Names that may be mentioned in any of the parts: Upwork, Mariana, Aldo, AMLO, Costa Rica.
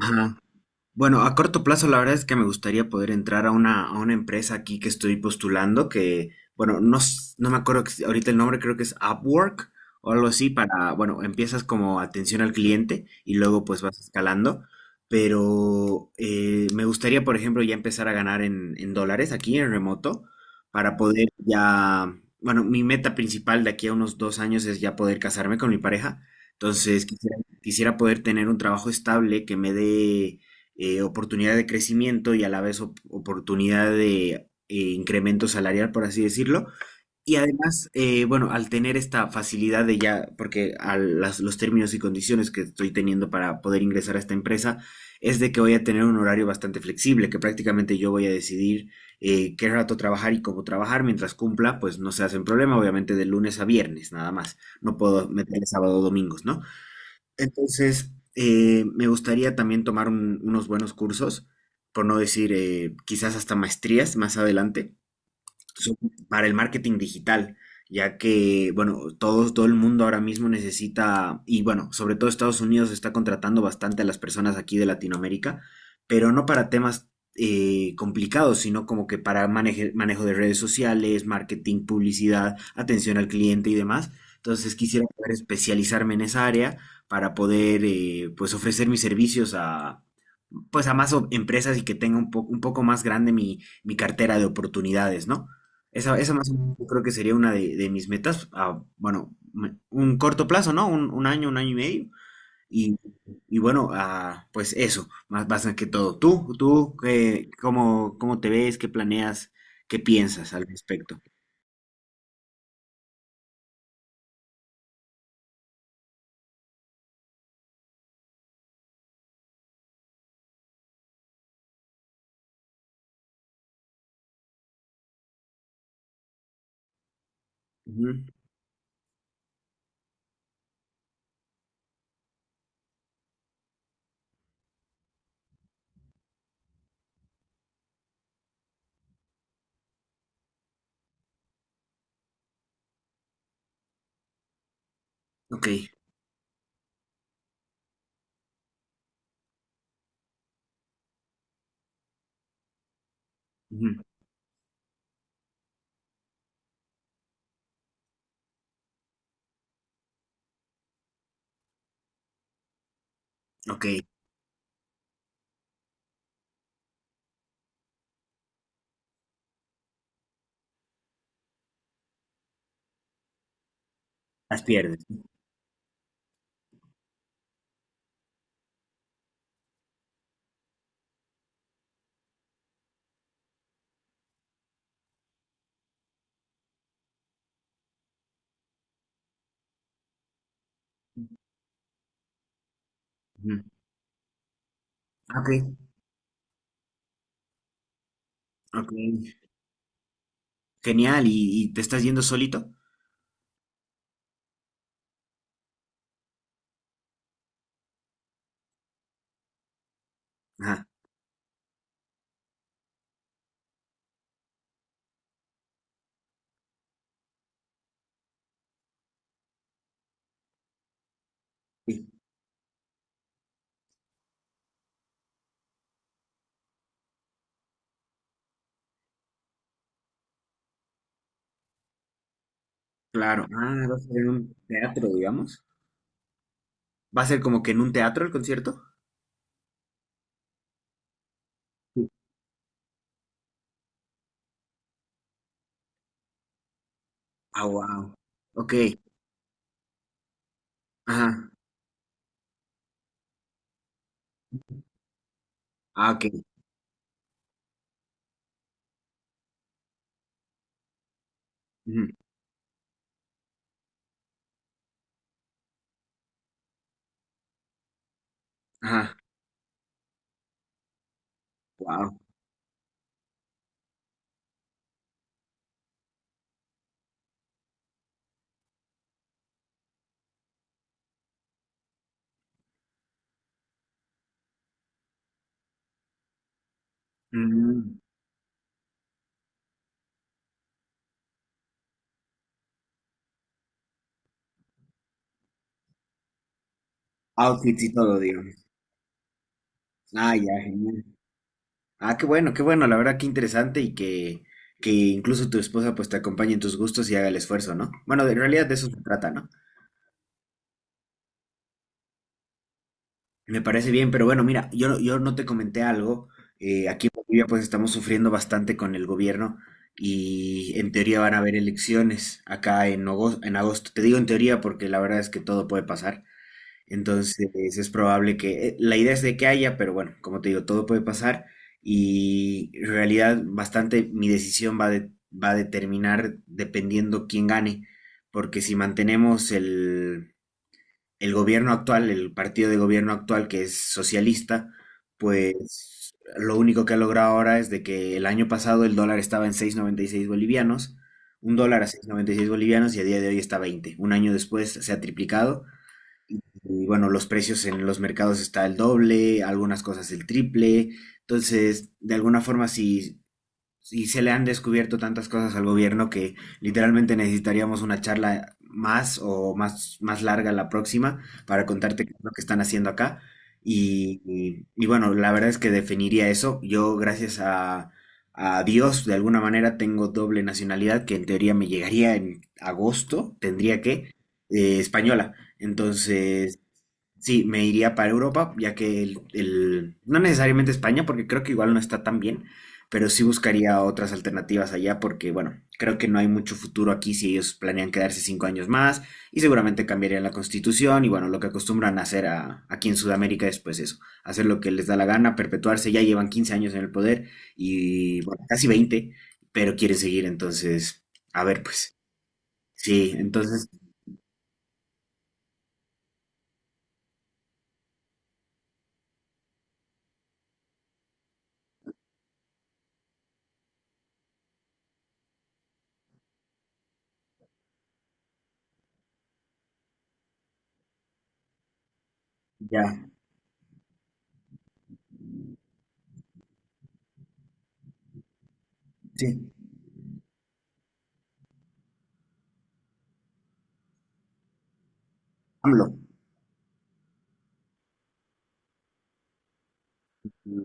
Ajá. Bueno, a corto plazo la verdad es que me gustaría poder entrar a una empresa aquí que estoy postulando, que, bueno, no, s- no me acuerdo ex- ahorita el nombre, creo que es Upwork o algo así, para, bueno, empiezas como atención al cliente y luego pues vas escalando, pero me gustaría, por ejemplo, ya empezar a ganar en dólares aquí en remoto para poder ya, bueno, mi meta principal de aquí a unos 2 años es ya poder casarme con mi pareja, entonces quisiera, quisiera poder tener un trabajo estable que me dé oportunidad de crecimiento y a la vez op oportunidad de incremento salarial, por así decirlo. Y además, bueno, al tener esta facilidad de ya, porque a las, los términos y condiciones que estoy teniendo para poder ingresar a esta empresa, es de que voy a tener un horario bastante flexible, que prácticamente yo voy a decidir qué rato trabajar y cómo trabajar, mientras cumpla, pues no se hacen problema, obviamente de lunes a viernes, nada más. No puedo meterle sábado o domingos, ¿no? Entonces, me gustaría también tomar unos buenos cursos, por no decir quizás hasta maestrías más adelante, so- para el marketing digital, ya que, bueno, todo el mundo ahora mismo necesita, y bueno, sobre todo Estados Unidos está contratando bastante a las personas aquí de Latinoamérica, pero no para temas complicados, sino como que para manejo de redes sociales, marketing, publicidad, atención al cliente y demás. Entonces quisiera poder especializarme en esa área para poder, pues, ofrecer mis servicios pues a empresas y que tenga un, un poco más grande mi, mi cartera de oportunidades, ¿no? Esa más o menos yo creo que sería una de mis metas, a, bueno, un corto plazo, ¿no? Un año y medio. Y, bueno, ah, pues eso, más, más que todo. ¿Tú, cómo, cómo te ves, qué planeas, qué piensas al respecto? Ujú. Ok. Ujú. Ok, las pierdes. Ujú. Ok. Ok, genial. Y te estás yendo solito? Ajá. Sí. Claro. Ah, va a ser en un teatro, digamos. ¿Va a ser como que en un teatro el concierto? Sí. Ah, wow. Ok. Ajá. Ah, ok. Ujú. Ajá. Wow. Mm. Outfits y todo, digamos. Ah, ya, genial. Ah, qué bueno, qué bueno. La verdad, qué interesante y que incluso tu esposa pues te acompañe en tus gustos y haga el esfuerzo, ¿no? Bueno, en realidad de eso se trata, ¿no? Me parece bien, pero bueno, mira, yo no te comenté algo. Aquí en Bolivia pues estamos sufriendo bastante con el gobierno y en teoría van a haber elecciones acá en agosto, en agosto. Te digo en teoría porque la verdad es que todo puede pasar. Entonces es probable que la idea es de que haya, pero bueno, como te digo, todo puede pasar y en realidad bastante mi decisión va, va a determinar dependiendo quién gane, porque si mantenemos el gobierno actual, el partido de gobierno actual que es socialista, pues lo único que ha logrado ahora es de que el año pasado el dólar estaba en 6,96 bolivianos, un dólar a 6,96 bolivianos y a día de hoy está a 20. Un año después se ha triplicado y bueno, los precios en los mercados está el doble, algunas cosas el triple. Entonces, de alguna forma, si y se le han descubierto tantas cosas al gobierno que literalmente necesitaríamos una charla más más larga la próxima para contarte qué es lo que están haciendo acá. Y, y bueno, la verdad es que definiría eso. Yo, gracias a Dios, de alguna manera tengo doble nacionalidad que en teoría me llegaría en agosto, tendría que, española. Entonces... Sí, me iría para Europa, ya que el, no necesariamente España, porque creo que igual no está tan bien, pero sí buscaría otras alternativas allá porque, bueno, creo que no hay mucho futuro aquí si ellos planean quedarse 5 años más y seguramente cambiarían la constitución y, bueno, lo que acostumbran a hacer aquí en Sudamérica es pues eso, hacer lo que les da la gana, perpetuarse, ya llevan 15 años en el poder y, bueno, casi 20 pero quieren seguir, entonces, a ver, pues, sí, entonces, ya, sí, AMLO, mm,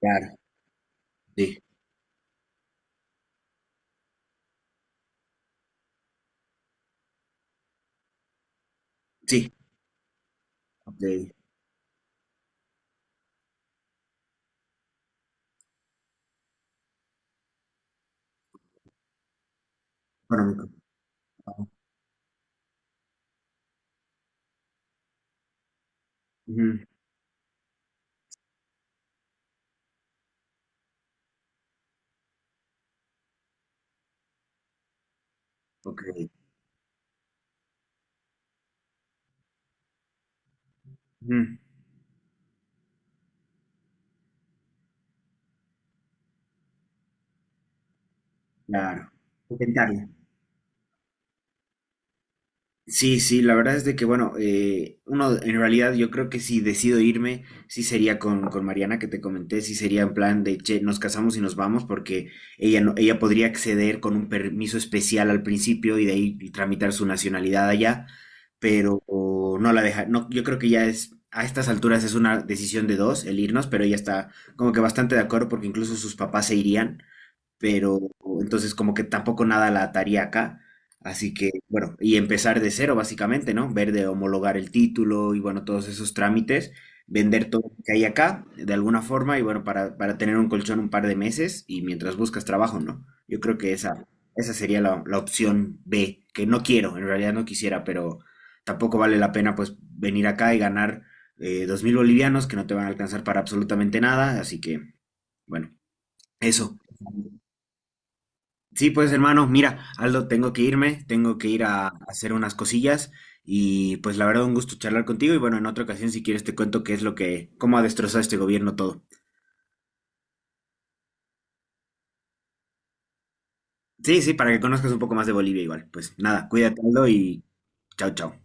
claro, sí, sí, ok, económico, ujú, ok, ujú, claro, intentarlo. Sí, sí, la verdad es de que, bueno, uno, en realidad yo creo que si decido irme, sí sería con Mariana que te comenté, sí sería en plan de, che, nos casamos y nos vamos porque ella, no, ella podría acceder con un permiso especial al principio y de ahí tramitar su nacionalidad allá, pero o, no la deja, no, yo creo que ya es, a estas alturas es una decisión de dos el irnos, pero ella está como que bastante de acuerdo porque incluso sus papás se irían pero entonces como que tampoco nada la ataría acá. Así que, bueno, y empezar de cero básicamente, ¿no? Ver de homologar el título y bueno, todos esos trámites, vender todo lo que hay acá de alguna forma y bueno, para tener un colchón un par de meses y mientras buscas trabajo, ¿no? Yo creo que esa sería la, la opción B, que no quiero, en realidad no quisiera, pero tampoco vale la pena pues venir acá y ganar 2.000 bolivianos que no te van a alcanzar para absolutamente nada, así que, bueno, eso. Sí, pues hermano, mira, Aldo, tengo que irme, tengo que ir a hacer unas cosillas y pues la verdad un gusto charlar contigo y bueno, en otra ocasión si quieres te cuento qué es lo que, cómo ha destrozado este gobierno todo. Sí, sí, para que conozcas un poco más de Bolivia igual. Pues nada, cuídate, Aldo, y chao, chao.